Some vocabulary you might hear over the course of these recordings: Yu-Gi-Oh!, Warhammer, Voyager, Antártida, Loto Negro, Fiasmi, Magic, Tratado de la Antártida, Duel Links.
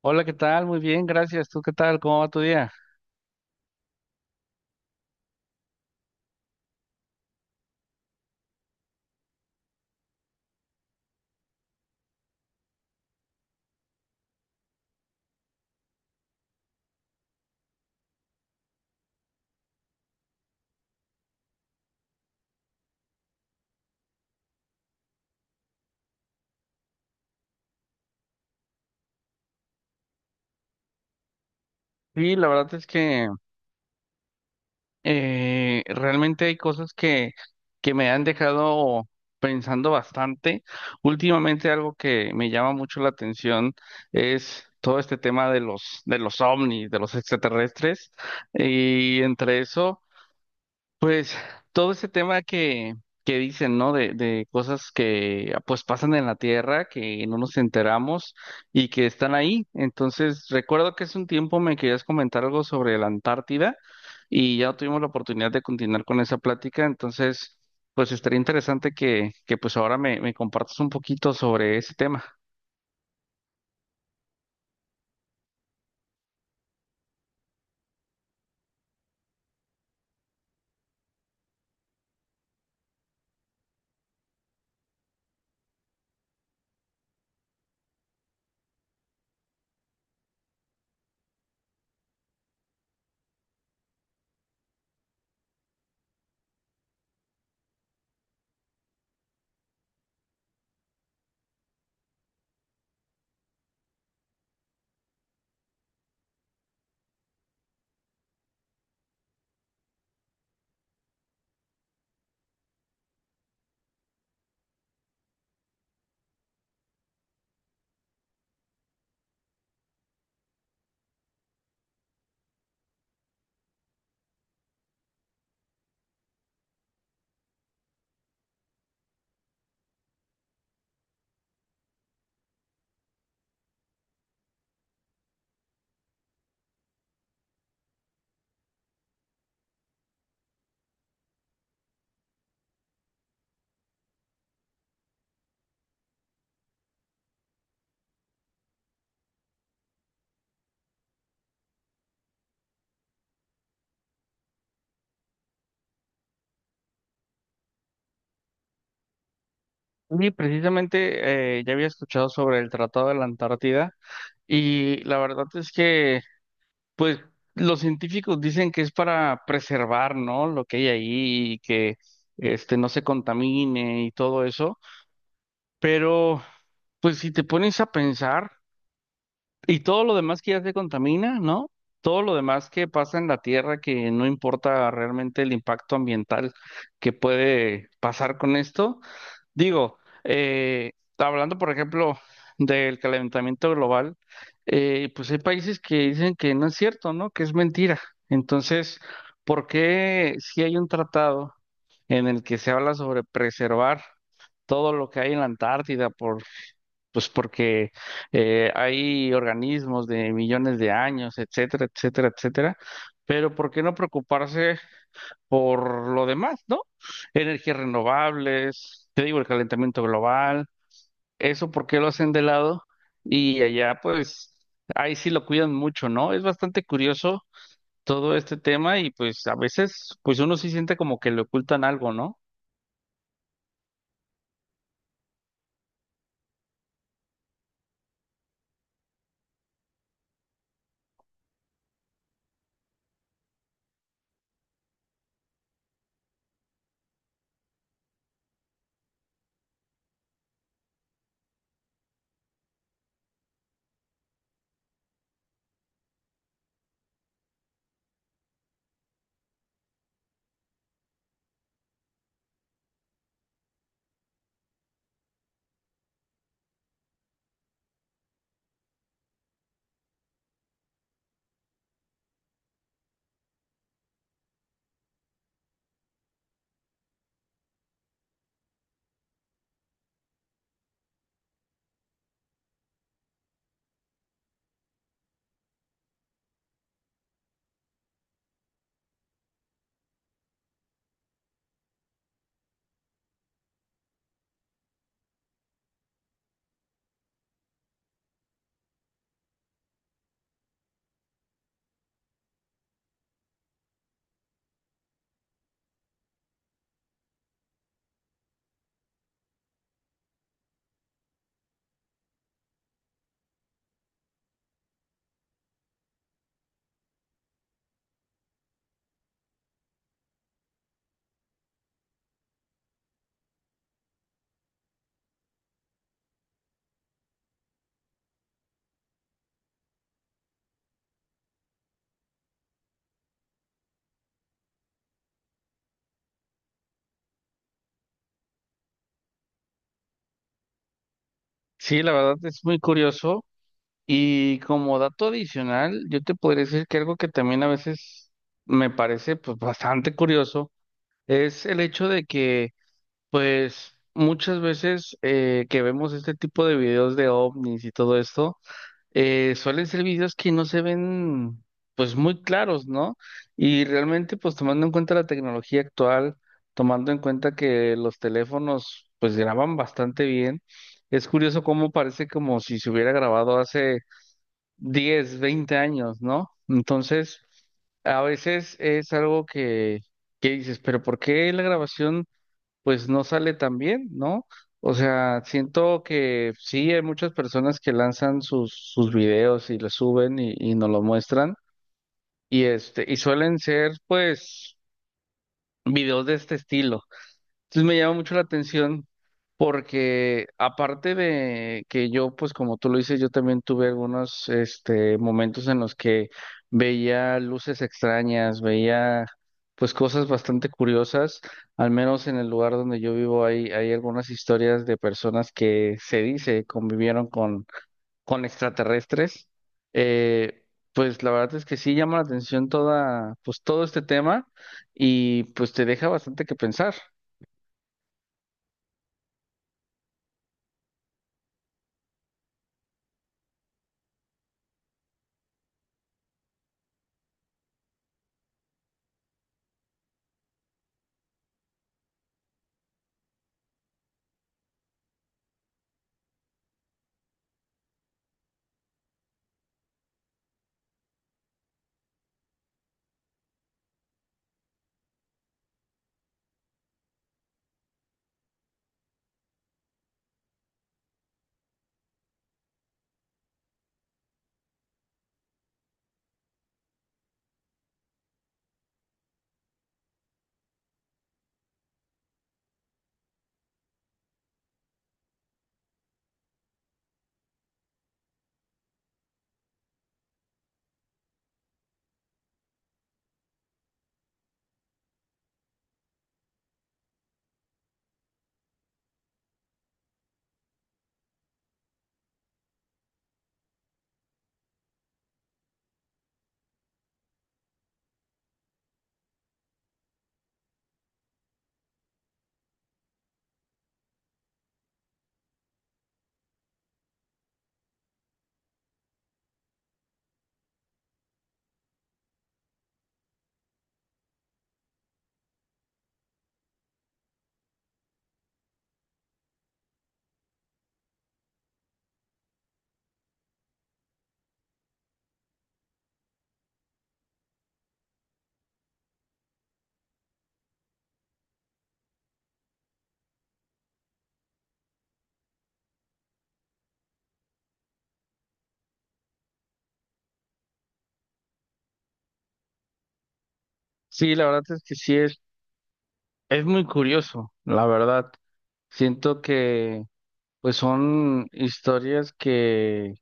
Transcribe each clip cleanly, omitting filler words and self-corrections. Hola, ¿qué tal? Muy bien, gracias. ¿Tú qué tal? ¿Cómo va tu día? Sí, la verdad es que realmente hay cosas que me han dejado pensando bastante. Últimamente algo que me llama mucho la atención es todo este tema de de los ovnis, de los extraterrestres. Y entre eso... Pues todo ese tema que dicen, ¿no? De cosas que pues pasan en la Tierra, que no nos enteramos y que están ahí. Entonces, recuerdo que hace un tiempo me querías comentar algo sobre la Antártida y ya no tuvimos la oportunidad de continuar con esa plática. Entonces, pues estaría interesante que pues ahora me compartas un poquito sobre ese tema. Sí, precisamente ya había escuchado sobre el Tratado de la Antártida y la verdad es que pues los científicos dicen que es para preservar, ¿no? Lo que hay ahí y que este no se contamine y todo eso, pero pues si te pones a pensar y todo lo demás que ya se contamina, ¿no? Todo lo demás que pasa en la Tierra que no importa realmente el impacto ambiental que puede pasar con esto. Digo, hablando por ejemplo del calentamiento global, pues hay países que dicen que no es cierto, ¿no? Que es mentira. Entonces, ¿por qué si hay un tratado en el que se habla sobre preservar todo lo que hay en la Antártida por, pues porque hay organismos de millones de años, etcétera, etcétera, etcétera? Pero ¿por qué no preocuparse por lo demás, ¿no? Energías renovables, te digo, el calentamiento global, eso porque lo hacen de lado y allá pues ahí sí lo cuidan mucho, ¿no? Es bastante curioso todo este tema y pues a veces pues uno sí siente como que le ocultan algo, ¿no? Sí, la verdad es muy curioso y como dato adicional, yo te podría decir que algo que también a veces me parece pues bastante curioso es el hecho de que pues muchas veces que vemos este tipo de videos de ovnis y todo esto, suelen ser videos que no se ven pues muy claros, ¿no? Y realmente pues tomando en cuenta la tecnología actual, tomando en cuenta que los teléfonos pues graban bastante bien, es curioso cómo parece como si se hubiera grabado hace 10, 20 años, ¿no? Entonces, a veces es algo que dices, pero ¿por qué la grabación pues no sale tan bien, ¿no? O sea, siento que sí hay muchas personas que lanzan sus videos y los suben y nos lo muestran y este, y suelen ser pues videos de este estilo. Entonces me llama mucho la atención porque aparte de que yo, pues como tú lo dices, yo también tuve algunos este, momentos en los que veía luces extrañas, veía pues cosas bastante curiosas, al menos en el lugar donde yo vivo hay algunas historias de personas que se dice convivieron con extraterrestres. Eh, pues la verdad es que sí llama la atención toda, pues todo este tema y pues te deja bastante que pensar. Sí, la verdad es que sí es muy curioso, la verdad. Siento que pues son historias que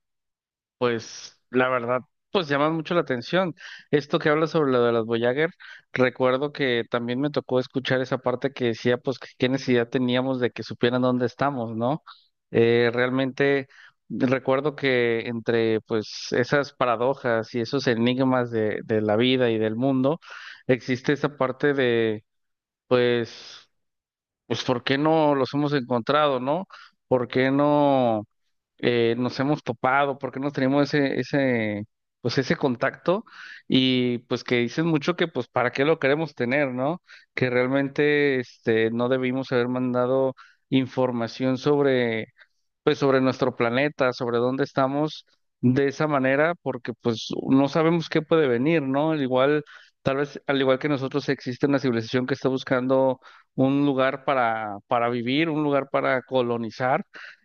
pues la verdad pues llaman mucho la atención. Esto que habla sobre lo de las Voyager, recuerdo que también me tocó escuchar esa parte que decía pues que qué necesidad teníamos de que supieran dónde estamos, ¿no? Realmente recuerdo que entre pues esas paradojas y esos enigmas de la vida y del mundo existe esa parte pues, pues, ¿por qué no los hemos encontrado, no? ¿Por qué no nos hemos topado? ¿Por qué no tenemos ese, pues, ese contacto? Y pues que dicen mucho que, pues, ¿para qué lo queremos tener, no? Que realmente, este, no debimos haber mandado información sobre pues sobre nuestro planeta, sobre dónde estamos de esa manera, porque pues no sabemos qué puede venir, ¿no? Al igual, tal vez, al igual que nosotros existe una civilización que está buscando un lugar para vivir, un lugar para colonizar,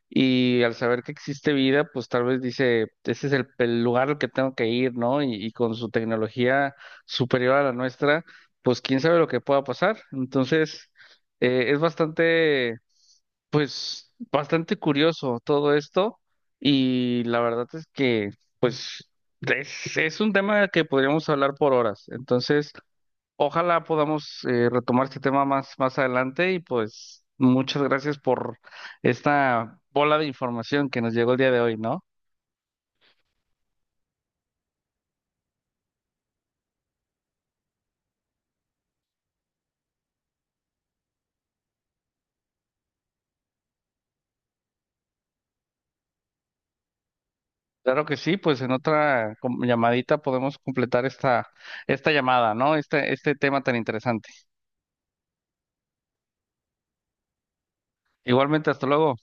y al saber que existe vida, pues tal vez dice, ese es el lugar al que tengo que ir, ¿no? Y con su tecnología superior a la nuestra, pues quién sabe lo que pueda pasar. Entonces, es bastante pues bastante curioso todo esto y la verdad es que pues es un tema que podríamos hablar por horas. Entonces, ojalá podamos retomar este tema más, más adelante y pues muchas gracias por esta bola de información que nos llegó el día de hoy, ¿no? Claro que sí, pues en otra com- llamadita podemos completar esta, esta llamada, ¿no? Este tema tan interesante. Igualmente, hasta luego.